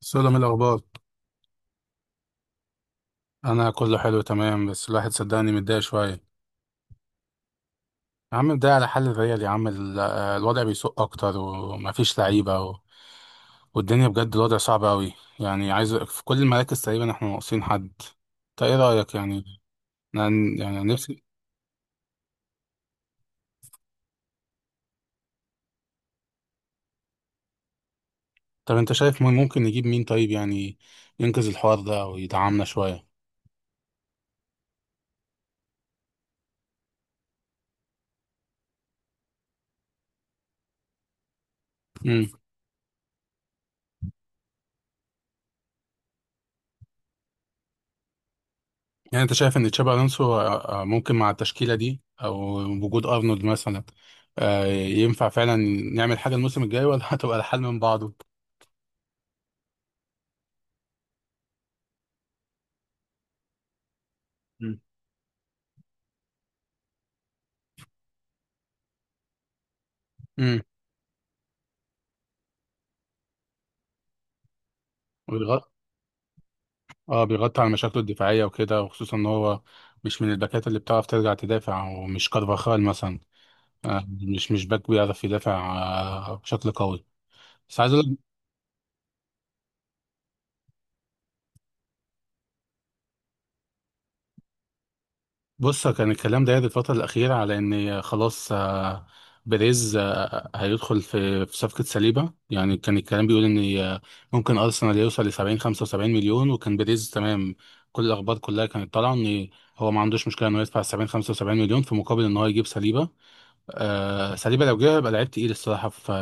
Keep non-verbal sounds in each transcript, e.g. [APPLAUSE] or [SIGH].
سلام الأخبار. أنا كله حلو تمام، بس الواحد صدقني متضايق شوية. يا عم متضايق على حل الريال يا عم الوضع بيسوء أكتر ومفيش لعيبة والدنيا بجد الوضع صعب أوي. يعني عايز في كل المراكز تقريبا إحنا ناقصين حد. أنت إيه رأيك يعني؟ أنا، يعني أنا نفسي. طب أنت شايف مين ممكن نجيب مين طيب يعني؟ ينقذ الحوار ده أو يدعمنا شوية. يعني انت شايف ان تشابي الونسو ممكن مع التشكيله دي او وجود ارنولد مثلا ينفع فعلا نعمل حاجه الموسم الجاي ولا [LAUGHS] هتبقى الحال من بعضه؟ مم. امم. وبيغطي، اه بيغطي على مشاكله الدفاعيه وكده، وخصوصا ان هو مش من الباكات اللي بتعرف ترجع تدافع ومش كارفاخال مثلا. مش باك بيعرف يدافع بشكل قوي. بس عايز اقول. بص، كان الكلام ده الفترة الأخيرة على إن خلاص بيريز هيدخل في صفقة سليبة. يعني كان الكلام بيقول إن ممكن أرسنال يوصل لسبعين خمسة وسبعين مليون وكان بيريز تمام. كل الأخبار كلها كانت طالعة إن هو ما عندوش مشكلة إنه يدفع سبعين خمسة وسبعين مليون في مقابل إن هو يجيب سليبة. ساليبا لو جه هيبقى لعيب تقيل الصراحه في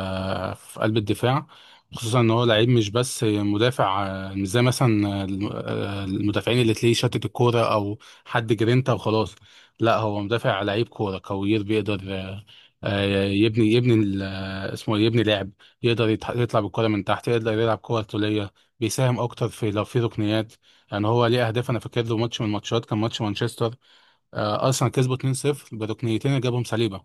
في قلب الدفاع، خصوصا ان هو لعيب مش بس مدافع مش زي مثلا المدافعين اللي تلاقيه شتت الكوره او حد جرينتا وخلاص. لا، هو مدافع لعيب كوره كوير بيقدر يبني اسمه إيه؟ يبني لعب. يقدر يطلع بالكوره من تحت، يقدر يلعب كوره طوليه. بيساهم اكتر في لو في ركنيات، يعني هو ليه اهداف. انا فاكر له ماتش من الماتشات كان ماتش مانشستر، ارسنال كسبوا 2-0 بركنيتين اللي جابهم ساليبا.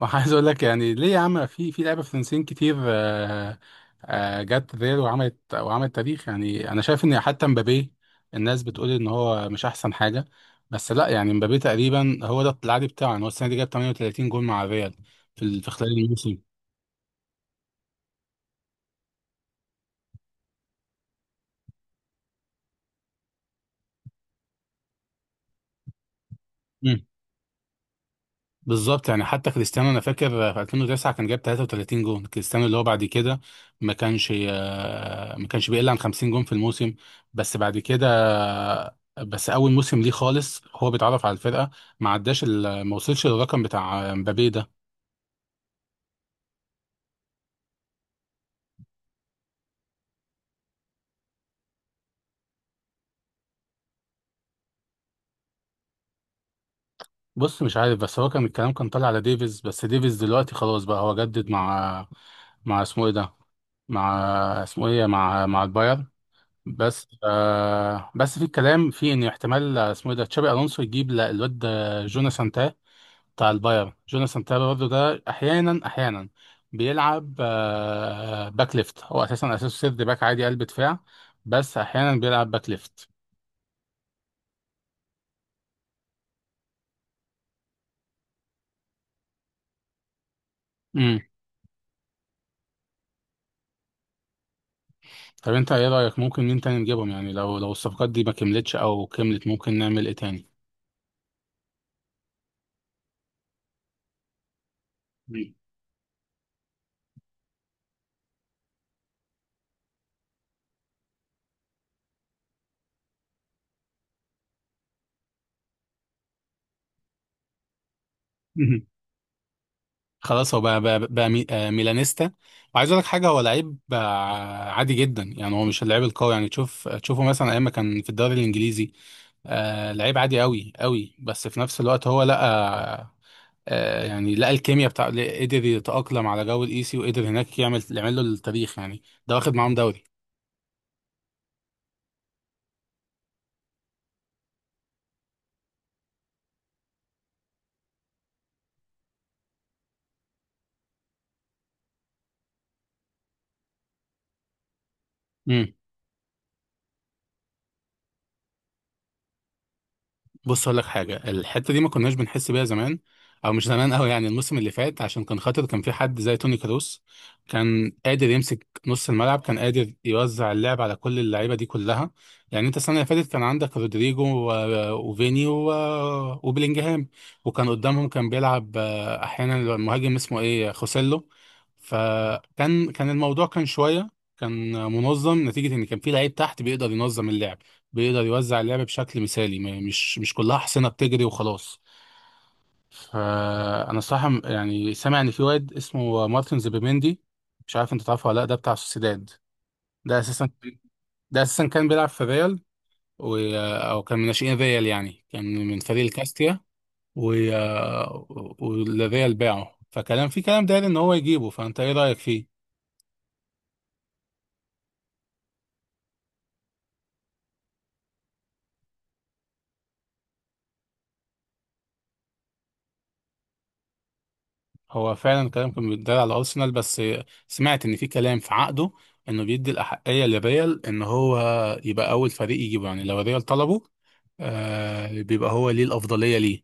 وعايز اقول لك يعني ليه يا عم في لعيبه فرنسيين كتير جت ريال وعملت تاريخ. يعني انا شايف ان حتى مبابي الناس بتقول ان هو مش احسن حاجه، بس لا. يعني مبابي تقريبا هو ده العادي بتاعه، يعني هو السنه دي جاب 38 جول مع الريال في خلال الموسم. بالظبط، يعني حتى كريستيانو انا فاكر في 2009 كان جاب 33 جون، كريستيانو اللي هو بعد كده ما كانش بيقل عن 50 جون في الموسم. بس بعد كده، بس اول موسم ليه خالص هو بيتعرف على الفرقه ما عداش ال- ما وصلش للرقم بتاع مبابي ده. بص مش عارف بس هو كان الكلام كان طالع على ديفيز، بس ديفيز دلوقتي خلاص بقى، هو جدد مع، مع اسمه ايه ده، مع، اسمه ايه، مع البايرن. بس في الكلام في ان احتمال، اسمه ايه ده تشابي الونسو يجيب الواد جوناثان تاه بتاع البايرن. جوناثان تاه برضه ده احيانا بيلعب باك ليفت. هو اساسا، اساسه سيرد باك عادي قلب دفاع، بس احيانا بيلعب باك ليفت. امم. طب انت ايه رايك ممكن مين تاني نجيبهم؟ يعني لو لو الصفقات دي ما كملتش او كملت ممكن نعمل ايه تاني؟ مم. [LAUGHS] خلاص هو بقى ميلانيستا. وعايز اقول لك حاجه، هو لعيب عادي جدا. يعني هو مش اللعيب القوي. يعني تشوفه مثلا ايام ما كان في الدوري الانجليزي لعيب عادي قوي قوي، بس في نفس الوقت هو لقى الكيمياء بتاع قدر يتاقلم على جو الايسي، وقدر هناك يعمل له التاريخ، يعني ده واخد معاهم دوري. بص اقول لك حاجه، الحته دي ما كناش بنحس بيها زمان، او مش زمان قوي يعني، الموسم اللي فات عشان كان خاطر كان في حد زي توني كروس كان قادر يمسك نص الملعب، كان قادر يوزع اللعب على كل اللعيبه دي كلها. يعني انت السنه اللي فاتت كان عندك رودريجو وفيني وبلينجهام، وكان قدامهم كان بيلعب احيانا المهاجم اسمه ايه خوسيلو. فكان الموضوع كان شويه، كان منظم، نتيجه ان كان في لعيب تحت بيقدر ينظم اللعب، بيقدر يوزع اللعب بشكل مثالي. مش كلها حصينة بتجري وخلاص. فأنا صراحة يعني سامع إن في واد اسمه مارتن زوبيميندي. مش عارف أنت تعرفه ولا لأ، ده بتاع سوسيداد. ده أساسا ده أساسا كان بيلعب في ريال، و... أو كان من ناشئين ريال، يعني كان من فريق الكاستيا، و... والريال باعه. فكلام في كلام داير إن هو يجيبه. فأنت إيه رأيك فيه؟ هو فعلا كلام كان بيتدار على ارسنال، بس سمعت ان في كلام في عقده انه بيدي الاحقيه للريال ان هو يبقى اول فريق يجيبه، يعني لو الريال طلبه بيبقى هو ليه الافضليه ليه.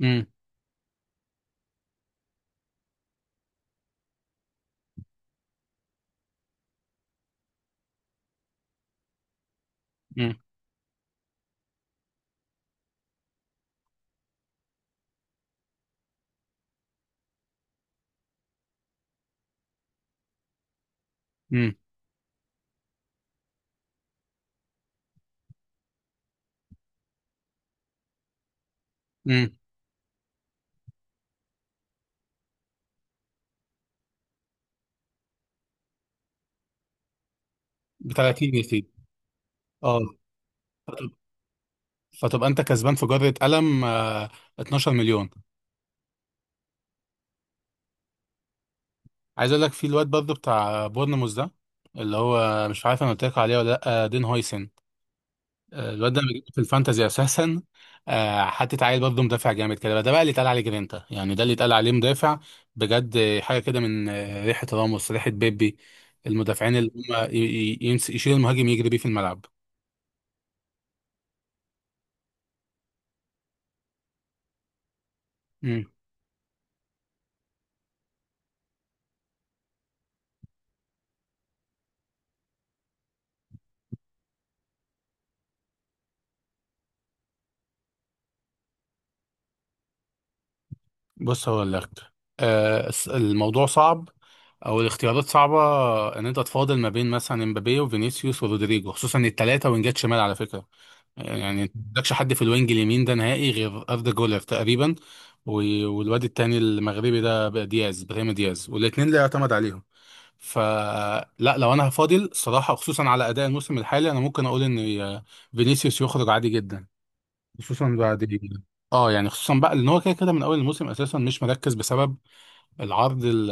امم. امم. امم. امم. ب 30 يا سيدي. اه. فتبقى انت كسبان في جره قلم 12 مليون. عايز اقول لك في الواد برضه بتاع بورنموث ده، اللي هو مش عارف انا قلت لك عليه ولا لا، دين هويسن. الواد ده أنا جبته في الفانتازي اساسا. حطيت عيل برضه مدافع جامد كده بقى. ده بقى اللي اتقال عليه جرينتا، يعني ده اللي اتقال عليه مدافع بجد حاجه كده من ريحه راموس، ريحه بيبي. المدافعين اللي هم يشيل المهاجم يجري بيه في الملعب. مم. بص هو الاختيار، الموضوع صعب، او الاختيارات صعبه، ان انت تفاضل ما بين مثلا امبابي وفينيسيوس ورودريجو، خصوصا الثلاثه وينجات شمال على فكره. يعني ما عندكش حد في الوينج اليمين ده نهائي غير أردا جولر تقريبا، والواد التاني المغربي ده بقى دياز، ابراهيم دياز، والاثنين لا يعتمد عليهم. فلا، لو انا هفاضل صراحة خصوصا على اداء الموسم الحالي انا ممكن اقول ان فينيسيوس يخرج عادي جدا، خصوصا بعد. اه يعني خصوصا بقى ان هو كده كده من اول الموسم اساسا مش مركز بسبب العرض ال-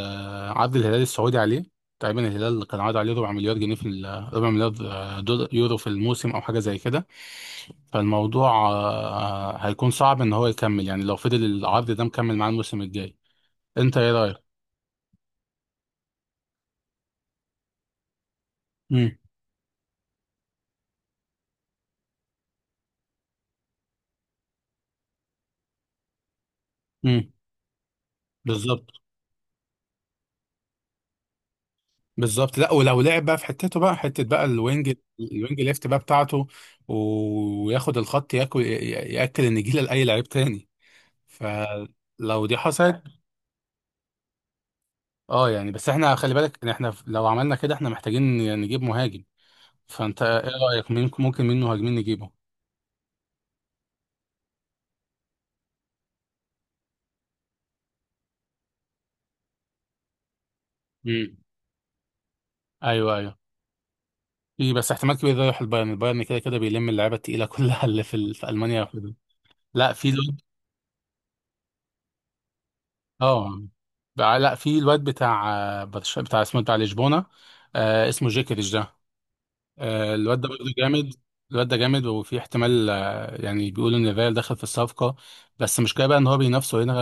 عرض الهلال السعودي عليه. تقريبا الهلال كان عارض عليه ربع مليار جنيه، ربع مليار دولار يورو في الموسم او حاجه زي كده. فالموضوع هيكون صعب ان هو يكمل، يعني لو فضل العرض ده مكمل معاه الموسم الجاي. انت ايه رايك؟ امم. امم. بالظبط. بالظبط، لا، ولو لعب بقى في حتته بقى، حته بقى الوينج ليفت بقى بتاعته، وياخد الخط ياكل ياكل النجيله لاي لعيب تاني. فلو دي حصلت، اه، يعني بس احنا خلي بالك إن احنا لو عملنا كده احنا محتاجين نجيب مهاجم. فانت ايه رأيك ممكن مين مهاجمين نجيبه؟ مم. ايوه، ايوه. في بس احتمال كبير ده يروح البايرن. كده كده بيلم اللعيبه التقيله كلها [LAUGHS] اللي في المانيا ياخدها. لا، في الواد. اه لا في الواد بتاع برشلونه بتاع، اسمه بتاع لشبونه، اسمه جيكريش ده. الواد ده برضه جامد. الواد ده جامد، وفي احتمال يعني بيقولوا ان فيال دخل في الصفقة. بس المشكلة بقى ان هو بينافسوا هنا،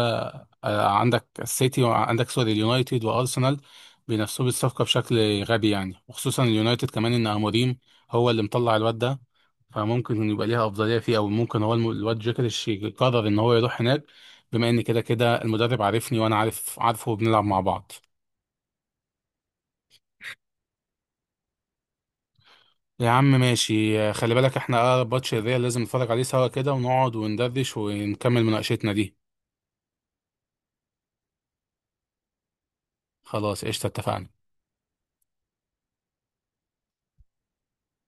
عندك السيتي وعندك سوري اليونايتد وارسنال بينافسوه بالصفقة بشكل غبي يعني. وخصوصا اليونايتد كمان ان اموريم هو اللي مطلع الواد ده، فممكن إن يبقى ليها افضلية فيه، او ممكن هو الواد جيكريش يقرر ان هو يروح هناك، بما ان كده كده المدرب عارفني وانا عارف عارفه وبنلعب مع بعض. يا عم ماشي، خلي بالك احنا اقرب ماتش الريال لازم نتفرج عليه سوا كده ونقعد وندردش ونكمل مناقشتنا دي. خلاص قشطة اتفقنا.